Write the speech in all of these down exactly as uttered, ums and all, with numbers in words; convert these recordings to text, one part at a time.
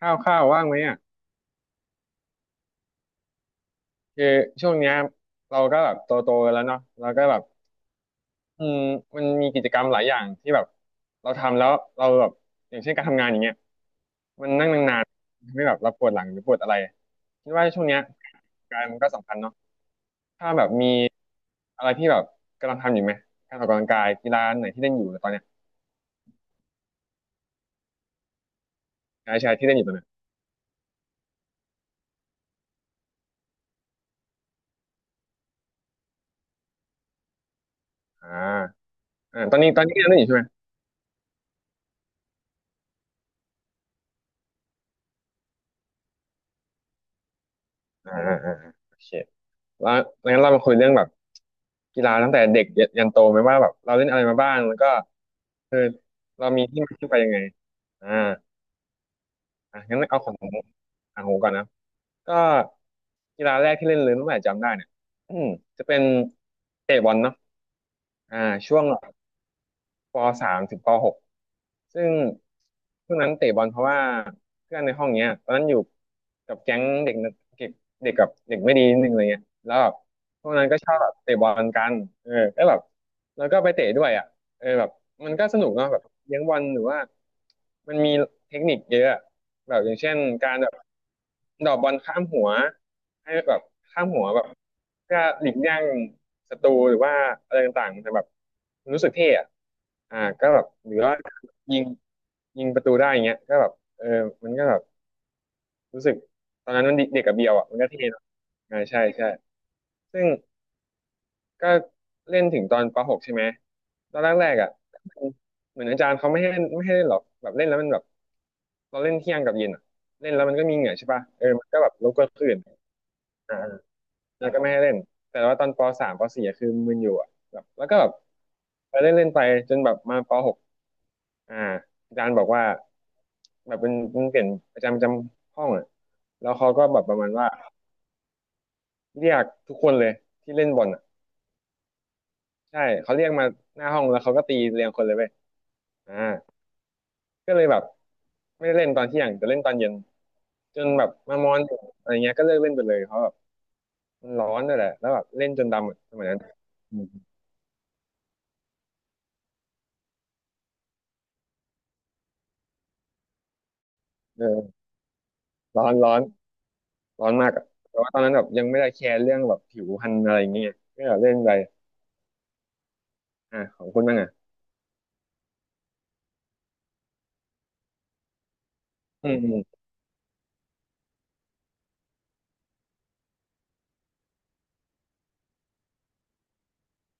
ข้าวข้าวว่างไหมอ่ะคือช่วงเนี้ยเราก็แบบโตโตแล้วเนาะเราก็แบบอืมมันมีกิจกรรมหลายอย่างที่แบบเราทำแล้วเราแบบอย่างเช่นการทำงานอย่างเงี้ยมันนั่งนานๆทำให้แบบเราปวดหลังหรือปวดอะไรคิดว่าช่วงเนี้ยการมันก็สำคัญเนาะถ้าแบบมีอะไรที่แบบกำลังทำอยู่ไหมการออกกำลังกายกีฬาไหนที่เล่นอยู่ตอนเนี้ยใช่ใช่ที่เล่นอยู่ตอนเนี้ยอ่าอ่าตอนนี้ตอนนี้เล่นอยู่ใช่ไหมอ่าอ่าอ่าโอเค แล้วงั้นเรามาคุยเรื่องแบบกีฬาตั้งแต่เด็กยันโตไหมว่าแบบเราเล่นอะไรมาบ้างแล้วก็คือเรามีที่มาที่ไปยังไงอ่าอ่ะงั้นเอาของอ่างหูก่อนนะก็กีฬาแรกที่เล่นเลยตั้งแต่จำได้เนี่ยอืมจะเป็นเตะบอลเนาะอ่าช่วง ปสามถึงปหกซึ่งช่วงนั้นเตะบอลเพราะว่าเพื่อนในห้องเนี้ยตอนนั้นอยู่กับแก๊งเด็กนักเก็บเด็กกับเด็กไม่ดีนิดนึงอะไรเงี้ยแล้วแบบพวกนั้นก็ชอบแบบเตะบอลกันเออแล้วแบบแล้วก็ไปเตะด้วยอ่ะเออแบบมันก็สนุกเนาะแบบเลี้ยงบอลหรือว่ามันมีเทคนิคเยอะอะแบบอย่างเช่นการแบบดอกบอลข้ามหัวให้แบบข้ามหัวแบบก็หลีกเลี่ยง สตรูหรือว่าอะไรต่างๆมันจะแบบมันรู้สึกเท่อะอ่าก็แบบหรือว่ายิงยิงประตูได้อย่างเงี้ยก็แบบเออมันก็แบบรู้สึกตอนนั้นมันเด็กกับเบียวอ่ะมันก็เท่เนอะอ่าใช่ใช่ซึ่งก็เล่นถึงตอนป .หก ใช่ไหมตอนแรกๆอ่ะเหมือนอาจารย์เขาไม่ให้ไม่ให้เล่นหรอกแบบเล่นแล้วมันแบบเราเล่นเที่ยงกับเย็นอ่ะเล่นแล้วมันก็มีเหงื่อใช่ป่ะเออมันก็แบบรบกวนคนอื่นอ่า แล้วก็ไม่ให้เล่น แต่ว่าตอนปสามปสี่อะคือมึนอยู่อะแบบแล้วก็แบบไปเล่นเล่นไปจนแบบมาปหกอ่าอาจารย์บอกว่าแบบเป็นเป็นเปลี่ยนอาจารย์ประจำห้องอ่ะแล้วเขาก็แบบประมาณว่าเรียกทุกคนเลยที่เล่นบอลอะใช่เขาเรียกมาหน้าห้องแล้วเขาก็ตีเรียงคนเลยเว้ยอ่าก็เลยแบบไม่ได้เล่นตอนเที่ยงแต่เล่นตอนเย็นจนแบบมามอนอะไรเงี้ยก็เลิกเล่นไปเลยเพราะแบบมันร้อนด้วยแหละแล้วแบบเล่นจนดำอะสมัยนั้นอืมเออร้อนร้อน ร้อนมากอะแต่ว่าตอนนั้นแบบยังไม่ได้แคร์เรื่องแบบผิวพรรณอะไรอย่างเงี้ยก็แบบเล่นไปอ่าของคุณบ้างอ่ะอืมอืม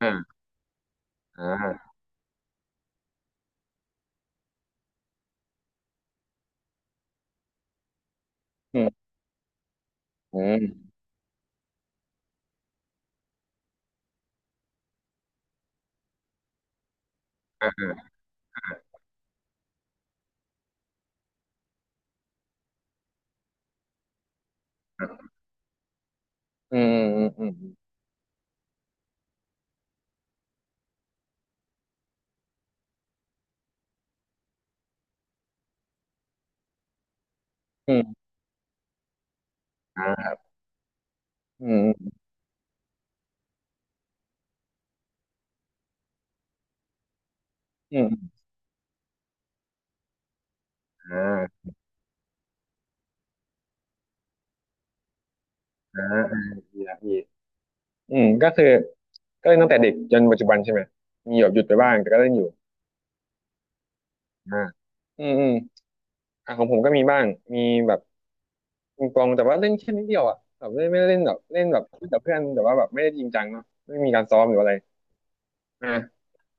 อ่าอ่าอืมอืมอ่าอืมอืมอืมอืมอ่าอืมอืมอ่าอ่าอ่าดีละดีอืมก็คือก็เล่นตั้งแต่เด็กจนปัจจุบันใช่ไหมมีแบบหยุดไปบ้างแต่ก็เล่นอยู่อ่าอืมอืมอ่ะของผมก็มีบ้างมีแบบปิงปองแต่ว่าเล่นแค่นิดเดียวอ่ะแบบเล่นไม่ได้เล่นแบบเล่นแบบเล่นกับเพื่อนแต่ว่าแบบไม่ได้จริงจังเนาะไม่มีการซ้อมหรืออะไร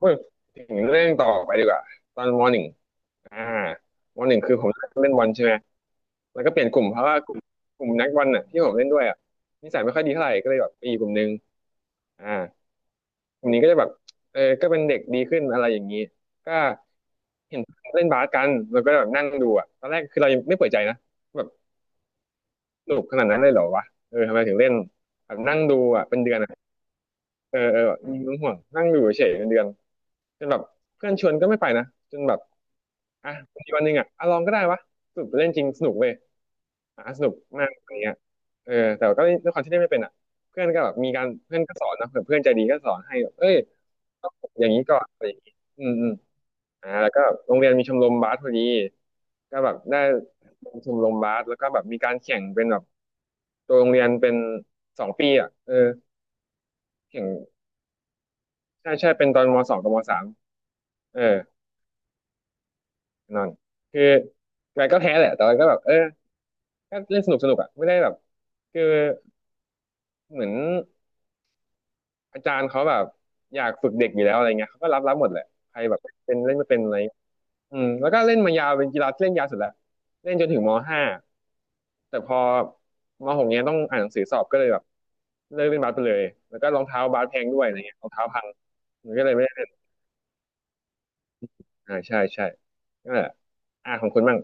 พูดถึงเรื่องต่อไปดีกว่าตอนมหนึ่งอ่ามหนึ่งคือผมเล่นบอลใช่ไหมแล้วก็เปลี่ยนกลุ่มเพราะว่ากลุ่มกลุ่มนักบอลน่ะที่ผมเล่นด้วยอ่ะนิสัยไม่ค่อยดีเท่าไหร่ก็เลยแบบไปอยู่กลุ่มนึงอ่ากลุ่มนี้ก็จะแบบเออก็เป็นเด็กดีขึ้นอะไรอย่างนี้ก็เห็นเล่นบาสกันแล้วก็แบบนั่งดูอ่ะตอนแรกคือเรายังไม่เปิดใจนะแบบสนุกขนาดนั้นเลยเหรอวะเออทำไมถึงเล่นแบบนั่งดูอ่ะเป็นเดือนอะเออเออแบบมีเ่วงห่วงนั่งดูเฉยๆเป็นเดือนจนแบบเพื่อนชวนก็ไม่ไปนะจนแบบ อ่ะมีวันหนึ่งอ่ะอ่ะลองก็ได้วะสนุกเล่นจริงสนุกเว้ยอ่ะสนุกมากอะไรเงี้ยเออแต่ก็ด้วยความที่เล่นไม่เป็นอ่ะเพื่อนก็แบบมีการเพื่อนก็สอนนะเผื่อเพื่อนใจดีก็สอนให้แบบเอ้ยต้องอย่างนี้ก่อนอะไรอย่างนี้อืมอืมอ่าแล้วก็โรงเรียนมีชมรมบาสพอดีก็แบบได้ลชมรมบาสแล้วก็แบบมีการแข่งเป็นแบบตัวโรงเรียนเป็นสองปีอ่ะเออแข่งใช่ใช่เป็นตอนมสองกับมสามเออนั่นคือไงก็แพ้แหละแต่ว่าก็แบบเออก็เล่นสนุกสนุกอ่ะไม่ได้แบบคือ เหมือนอาจารย์เขาแบบอยากฝึกเด็กอยู่แล้วอะไรเงี้ยเขาก็รับรับหมดแหละใครแบบเป็นเล่นไม่เป็นอะไรอืมแล้วก็เล่นมายาวเป็นกีฬาที่เล่นยาวสุดแล้วเล่นจนถึงมอห้าแต่พอมหกเนี้ยต้องอ่านหนังสือสอบก็เลยแบบเลิกเล่นบาสไปเลยแล้วก็รองเท้าบาสแพงด้วยอะไรเงี้ยรองเท้าพังมันก็เลยไม่ได้เล่นอ่าใช่ใช่นั่นแหละอ่าของคุณบ้าง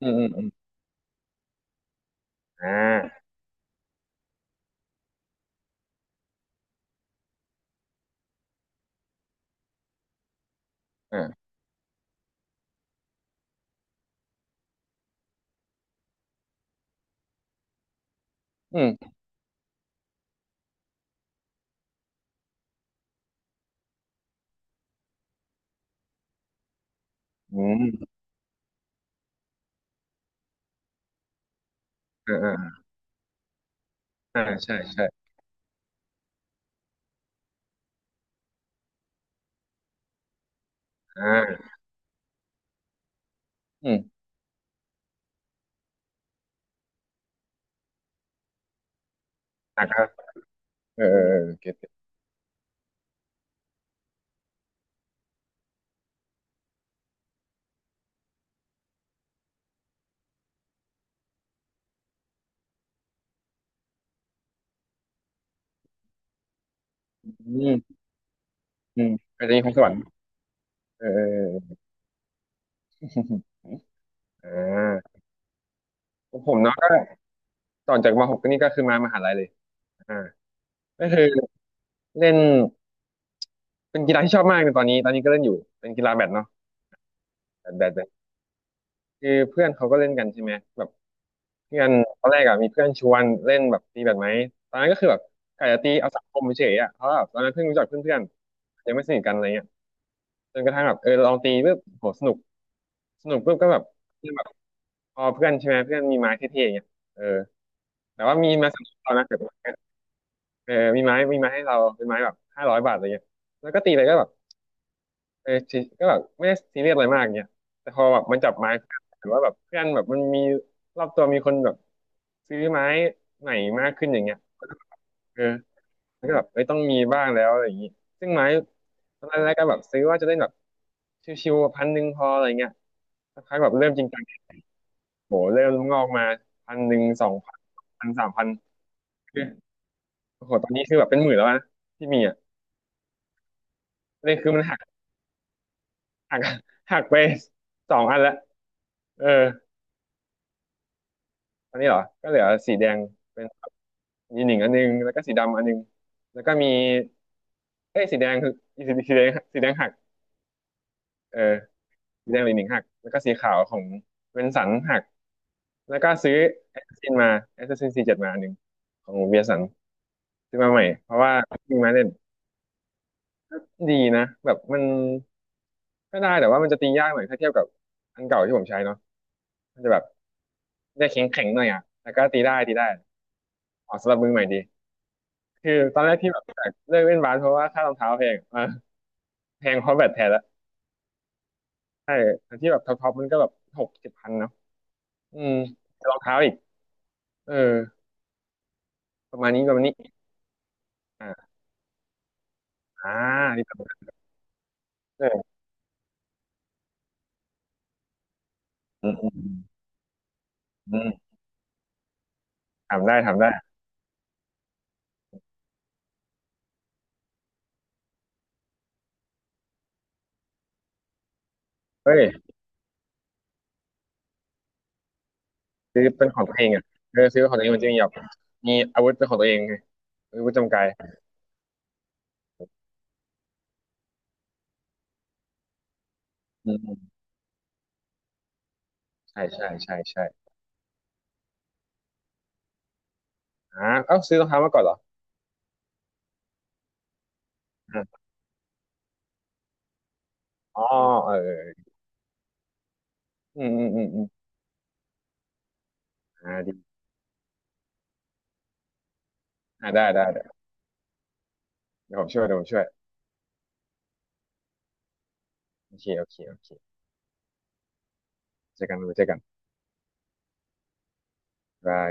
อืมอืมอืมอ่าอ่าอืมอืมอ่าอ่าอ่าใช่ใช่อ่าอืมอ่ะครับเออเออเออเก็ตเก็ตอืมอืมอาจจะมีพรสวรรค์เออเออ อ่าผมเนาะก็ต่อจากมหกก็นี่ก็คือมามหาลัยเลยอ่าก็คือเล่นเป็นกีฬาที่ชอบมากในตอนนี้ตอนนี้ก็เล่นอยู่เป็นกีฬาแบดเนาะแบดแบดแบดคือเพื่อนเขาก็เล่นกันใช่ไหมแบบเพื่อนตอนแรกอะมีเพื่อนชวนเล่นแบบตีแบดไหมตอนนั้นก็คือแบบกะจะตีเอาสังคมเฉยๆอะเพราะว่าแบบตอนนั้นเพิ่งรู้จักเพื่อนๆยังไม่สนิทกันอะไรเงี้ยจนกระทั่งแบบเออลองตีปุ๊บโหสนุกสนุกปุ๊บก็แบบเพื่อนแบบพอเพื่อนใช่ไหมเพื่อนมีไม้เท่ๆอย่างเงี้ยเออแต่ว่ามีมาสองคนนะแบบ เออมีไม้มีไม้ให้เราเป็นไม้แบบห้าร้อยบาทอะไรเงี้ยแล้วก็ตีไปก็แบบเออชิก็แบบไม่ได้ซีเรียสอะไรมากเงี้ยแต่พอแบบมันจับไม้หรือว่าแบบเพื่อนแบบมันมีรอบตัวมีคนแบบซื้อไม้ใหม่มากขึ้นอย่างเงี้ยก็แบบเออแล้วก็แบบเอ้ยต้องมีบ้างแล้วอะไรอย่างงี้ซึ่งไม้ตอนแรกๆก็แบบซื้อว่าจะเล่นแบบชิวๆพันหนึ่งพออะไรเงี้ยสักพักแบบเริ่มจริงจังโหเริ่มงอกมาพันหนึ่งสองพันพันสามพันโอ้โหตอนนี้คือแบบเป็นหมื่นแล้วนะที่มีอ่ะเลยคือมันหา หัก หักไปสองอันละเอออันนี้เหรอก็เหลือสีแดงเป็นยีหนิงอันนึงแล้วก็สีดำอันนึงแล้วก็มีเอ้ยสีแดงคือสีสีแดงสีแดงหักเออสีแดงหลีหนิงหักแล้วก็สีขาวของเวนสันหักแล้วก็ซื้อแอสซินมาแอสซินสี่เจ็ดมาอันหนึ่งของเวียสันซื้อมาใหม่เพราะว่ามีมาเล่นดีนะแบบมันก็ได้แต่ว่ามันจะตียากหน่อยถ้าเทียบกับอันเก่าที่ผมใช้เนาะมันจะแบบ จะแข็งแข็งหน่อยอ่ะแต่ก็ตีได้ตีได้ออกสำหรับมือใหม่ดี คือตอนแรกที่แบบเลิกเล่นบาสเพราะว่าค่ารองเท้าแพงอ่ะแพงเพราะแบตแทนละใช่อันที่แบบท็อปๆมันก็แบบหกเจ็ดพันเนาะอืมรองเท้าอีกเออประมาณนี้ประมาณนี้ อ่าอ่านี่ประมาณนั้นเอออืมอืมอืมถามได้ถามได้เฮ้ยซื้อเป็นของตัวเองอ่ะเออซื้อของตัวเองมันจะมีแบบมีอาวุธเป็นของตัวเองไงอาวุธจำกายอืมอืมใช่ใช่ใช่ใช่อ่าเอ้าซื้อรองเท้ามาก่อนเหรออ่าอ๋อเออเอออืมอืมอืมอืมอ่า อ่าได้ได้ได้เดี๋ยวผมช่วยเดี๋ยวผมช่วยโอเคโอเคโอเคเจอกันเจอกันบาย